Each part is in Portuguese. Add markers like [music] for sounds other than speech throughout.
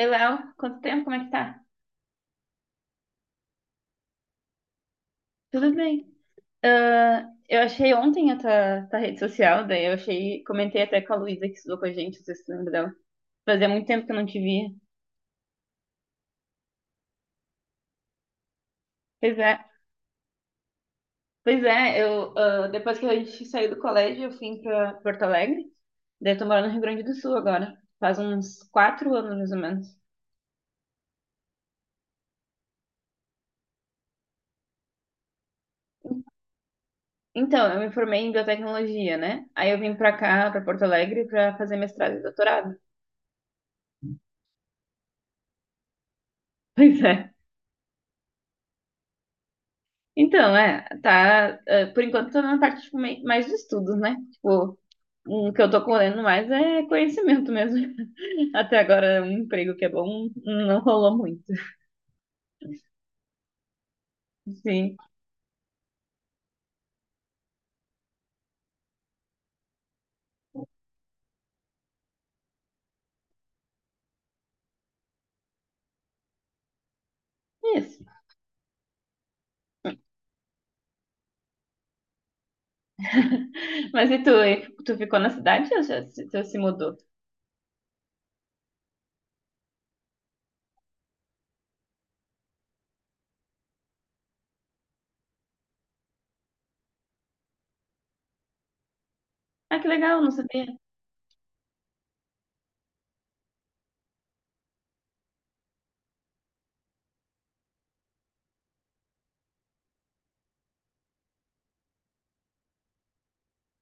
Ei, Léo, quanto tempo? Como é que tá? Tudo bem. Ah, eu achei ontem a tua rede social, daí eu achei, comentei até com a Luísa que estudou com a gente, não sei se tu lembra dela. Fazia muito tempo que eu não te via. Pois é, pois é, depois que a gente saiu do colégio, eu fui pra Porto Alegre, daí eu tô morando no Rio Grande do Sul agora, faz uns 4 anos mais ou menos. Então, eu me formei em biotecnologia, né? Aí eu vim pra cá, pra Porto Alegre, pra fazer mestrado e doutorado. [laughs] Pois é. Então, por enquanto tô na parte, tipo, mais de estudos, né? Tipo, o que eu tô correndo mais é conhecimento mesmo. [laughs] Até agora, um emprego que é bom não rolou muito. Sim, isso. [laughs] Mas e tu, hein? Tu ficou na cidade ou já se, tu se mudou? Ah, que legal, não sabia.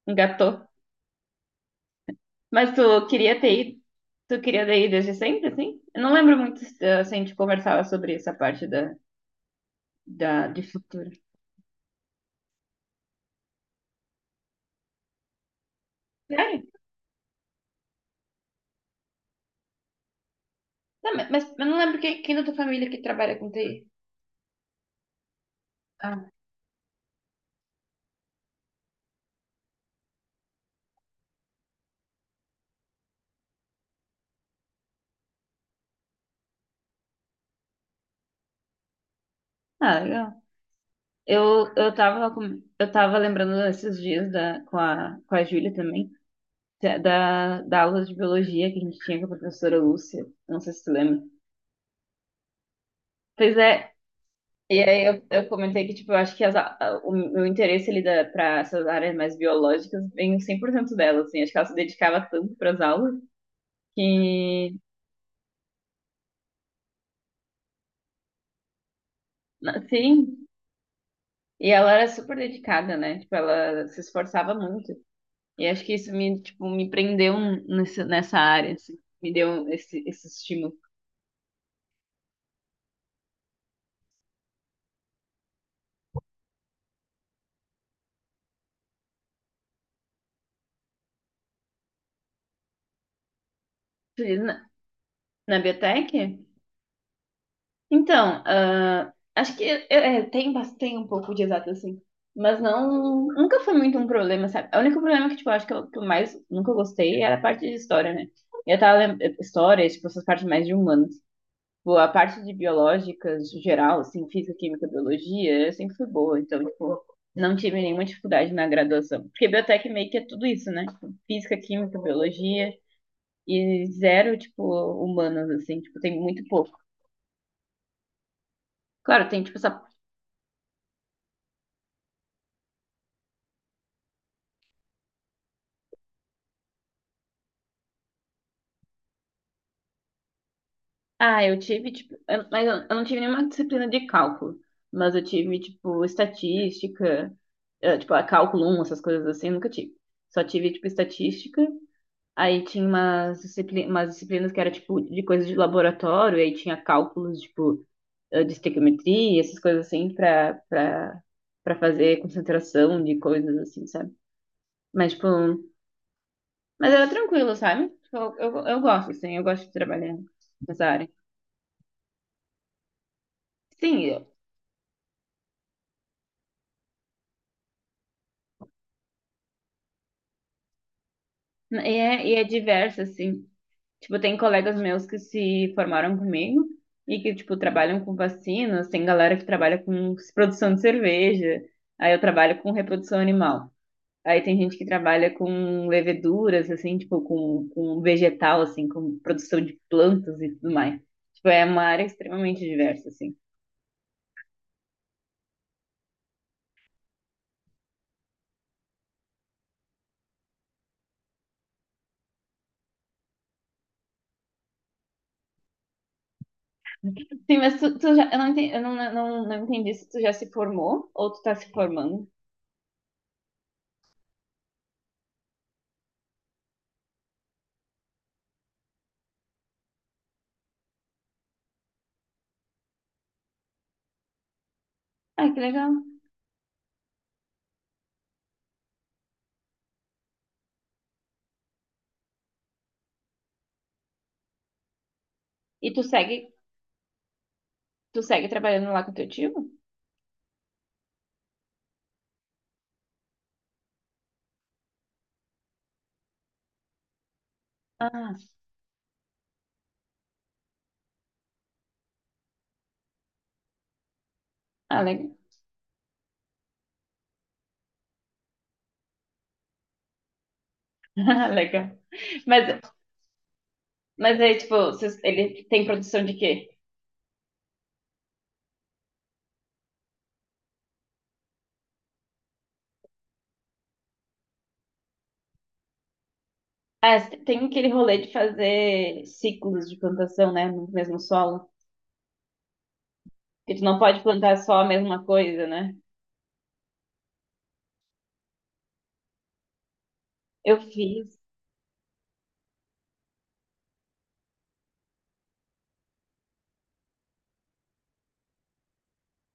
Engatou. Mas tu queria ter ido, tu queria ter ido desde sempre, assim? Eu não lembro muito, assim, a gente conversava sobre essa parte de futuro. Sério? Tá, mas eu não lembro quem da tua família que trabalha com TI. Ah, ah, legal. Eu tava, eu tava lembrando esses dias com com a Júlia também, da aula de biologia que a gente tinha com a professora Lúcia. Não sei se tu lembra. Pois é, e aí eu comentei que, tipo, eu acho que o meu interesse ali pra essas áreas mais biológicas vem 100% dela, assim. Acho que ela se dedicava tanto pras aulas que... Sim, e ela era super dedicada, né? Tipo, ela se esforçava muito. E acho que isso me, tipo, me prendeu nessa área, assim. Me deu esse estímulo. Tu diz na biotech? Então, acho que tem, tem um pouco de exato, assim. Mas não, nunca foi muito um problema, sabe? O único problema que, tipo, eu acho que eu mais nunca gostei era a parte de história, né? Eu tava lembrando, história, tipo, essas partes mais de humano. Tipo, a parte de biológicas geral, assim, física, química, biologia, eu sempre fui boa. Então, tipo, não tive nenhuma dificuldade na graduação. Porque biotech meio que é tudo isso, né? Tipo, física, química, biologia e zero, tipo, humanas, assim. Tipo, tem muito pouco. Claro, tem, tipo, essa... Ah, eu tive, tipo... Mas eu não tive nenhuma disciplina de cálculo. Mas eu tive, tipo, estatística, tipo, a cálculo um essas coisas assim, eu nunca tive. Só tive, tipo, estatística. Aí tinha umas, umas disciplinas que era tipo de coisas de laboratório, aí tinha cálculos, tipo, de estequiometria, essas coisas assim, pra fazer concentração de coisas assim, sabe? Mas, tipo, mas era tranquilo, sabe? Tipo, eu gosto, assim, eu gosto de trabalhar nessa área. Sim, e é diverso, assim. Tipo, tem colegas meus que se formaram comigo e que, tipo, trabalham com vacinas, tem galera que trabalha com produção de cerveja, aí eu trabalho com reprodução animal. Aí tem gente que trabalha com leveduras, assim, tipo, com vegetal, assim, com produção de plantas e tudo mais. Tipo, é uma área extremamente diversa, assim. Sim, mas tu já, eu não entendi, eu não, não, não entendi se tu já se formou ou tu tá se formando. Ah, que legal. E tu segue trabalhando lá com teu tio? Ah, ah, legal. [laughs] Ah, legal. Mas, mas aí, tipo, ele tem produção de quê? Ah, tem aquele rolê de fazer ciclos de plantação, né, no mesmo solo. Que tu não pode plantar só a mesma coisa, né? Eu fiz.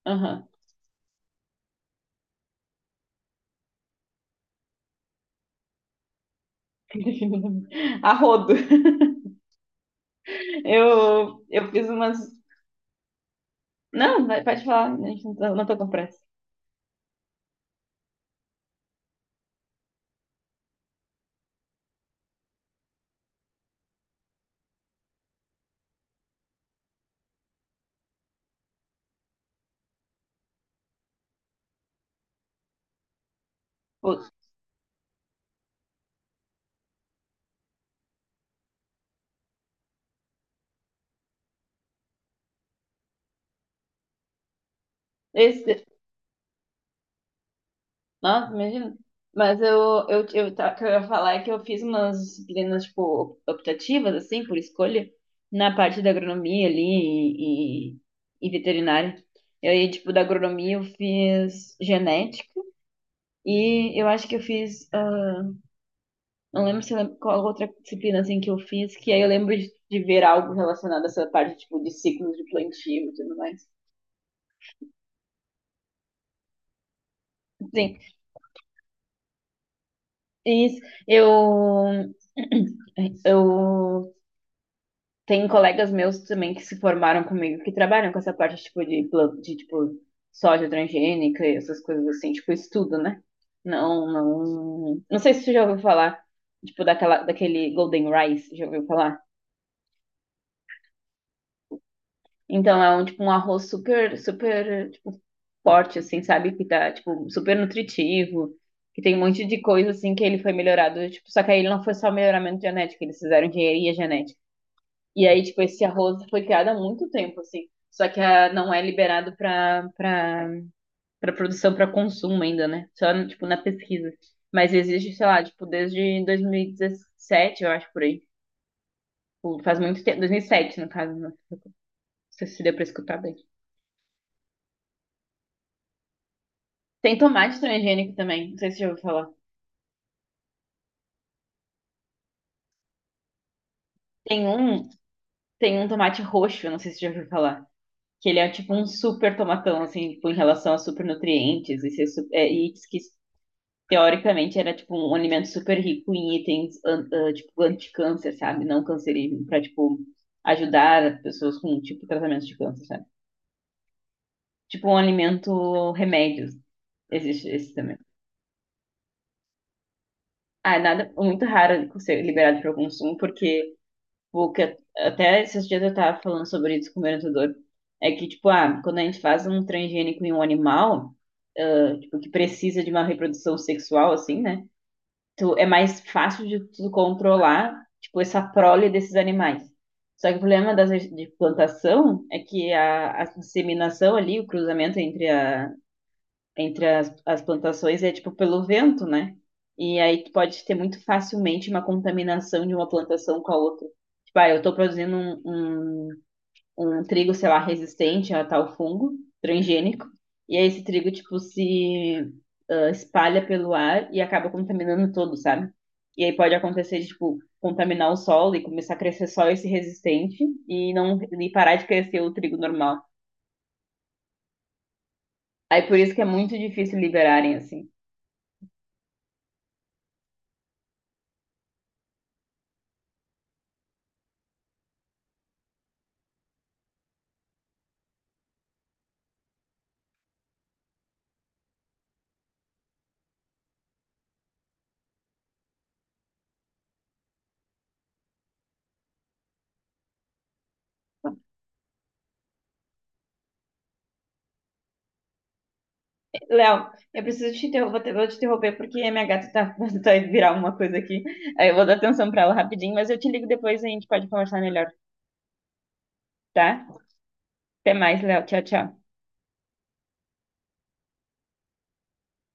Aham. [laughs] A rodo. Eu fiz umas. Não, pode falar, a gente não tô com pressa. Pô, esse... Nossa, imagina. Mas o que eu ia falar é que eu fiz umas disciplinas, tipo, optativas, assim, por escolha, na parte da agronomia ali e e veterinária. E aí, tipo, da agronomia eu fiz genética e eu acho que eu fiz. Não lembro se eu lembro qual outra disciplina assim, que eu fiz, que aí eu lembro de ver algo relacionado a essa parte tipo, de ciclos de plantio e tudo mais. Sim, isso. Eu, eu tenho colegas meus também que se formaram comigo, que trabalham com essa parte tipo, de tipo, soja transgênica e essas coisas assim, tipo, estudo, né? Não, não. Não sei se você já ouviu falar, tipo, daquele Golden Rice, já ouviu falar? Então é um tipo um arroz super, tipo, forte, assim, sabe? Que tá, tipo, super nutritivo, que tem um monte de coisa assim que ele foi melhorado, tipo, só que aí ele não foi só melhoramento genético, eles fizeram engenharia genética. E aí, tipo, esse arroz foi criado há muito tempo, assim. Só que não é liberado para produção, para consumo ainda, né? Só, tipo, na pesquisa. Mas existe, sei lá, tipo, desde 2017, eu acho, por aí. Tipo, faz muito tempo, 2007, no caso, né? Não sei se deu pra escutar bem. Tem tomate transgênico também, não sei se você já ouviu falar. Tem um, tem um tomate roxo, não sei se você já ouviu falar. Que ele é tipo um super tomatão, assim, tipo, em relação a super nutrientes. E, e diz que teoricamente era tipo um alimento super rico em itens tipo anti-câncer, sabe? Não cancerígeno, pra tipo ajudar pessoas com tipo tratamento de câncer, sabe? Tipo um alimento remédio. Existe esse também. Ah, nada, muito raro ser liberado para o consumo, porque porque até esses dias eu tava falando sobre isso com o meu orientador. É que, tipo, quando a gente faz um transgênico em um animal, tipo, que precisa de uma reprodução sexual, assim, né? Tu, é mais fácil de tu controlar, tipo, essa prole desses animais. Só que o problema de plantação é que a inseminação ali, o cruzamento entre entre as plantações é tipo pelo vento, né? E aí tu pode ter muito facilmente uma contaminação de uma plantação com a outra. Tipo, eu tô produzindo um trigo, sei lá, resistente a tal fungo transgênico, e aí esse trigo, tipo, se espalha pelo ar e acaba contaminando todo, sabe? E aí pode acontecer de, tipo, contaminar o solo e começar a crescer só esse resistente e não e parar de crescer o trigo normal. Aí por isso que é muito difícil liberarem, assim. Léo, eu preciso te interromper, vou te interromper porque a minha gata tá, [laughs] vai virar uma coisa aqui. Aí eu vou dar atenção pra ela rapidinho, mas eu te ligo depois e a gente pode conversar melhor, tá? Até mais, Léo. Tchau, tchau.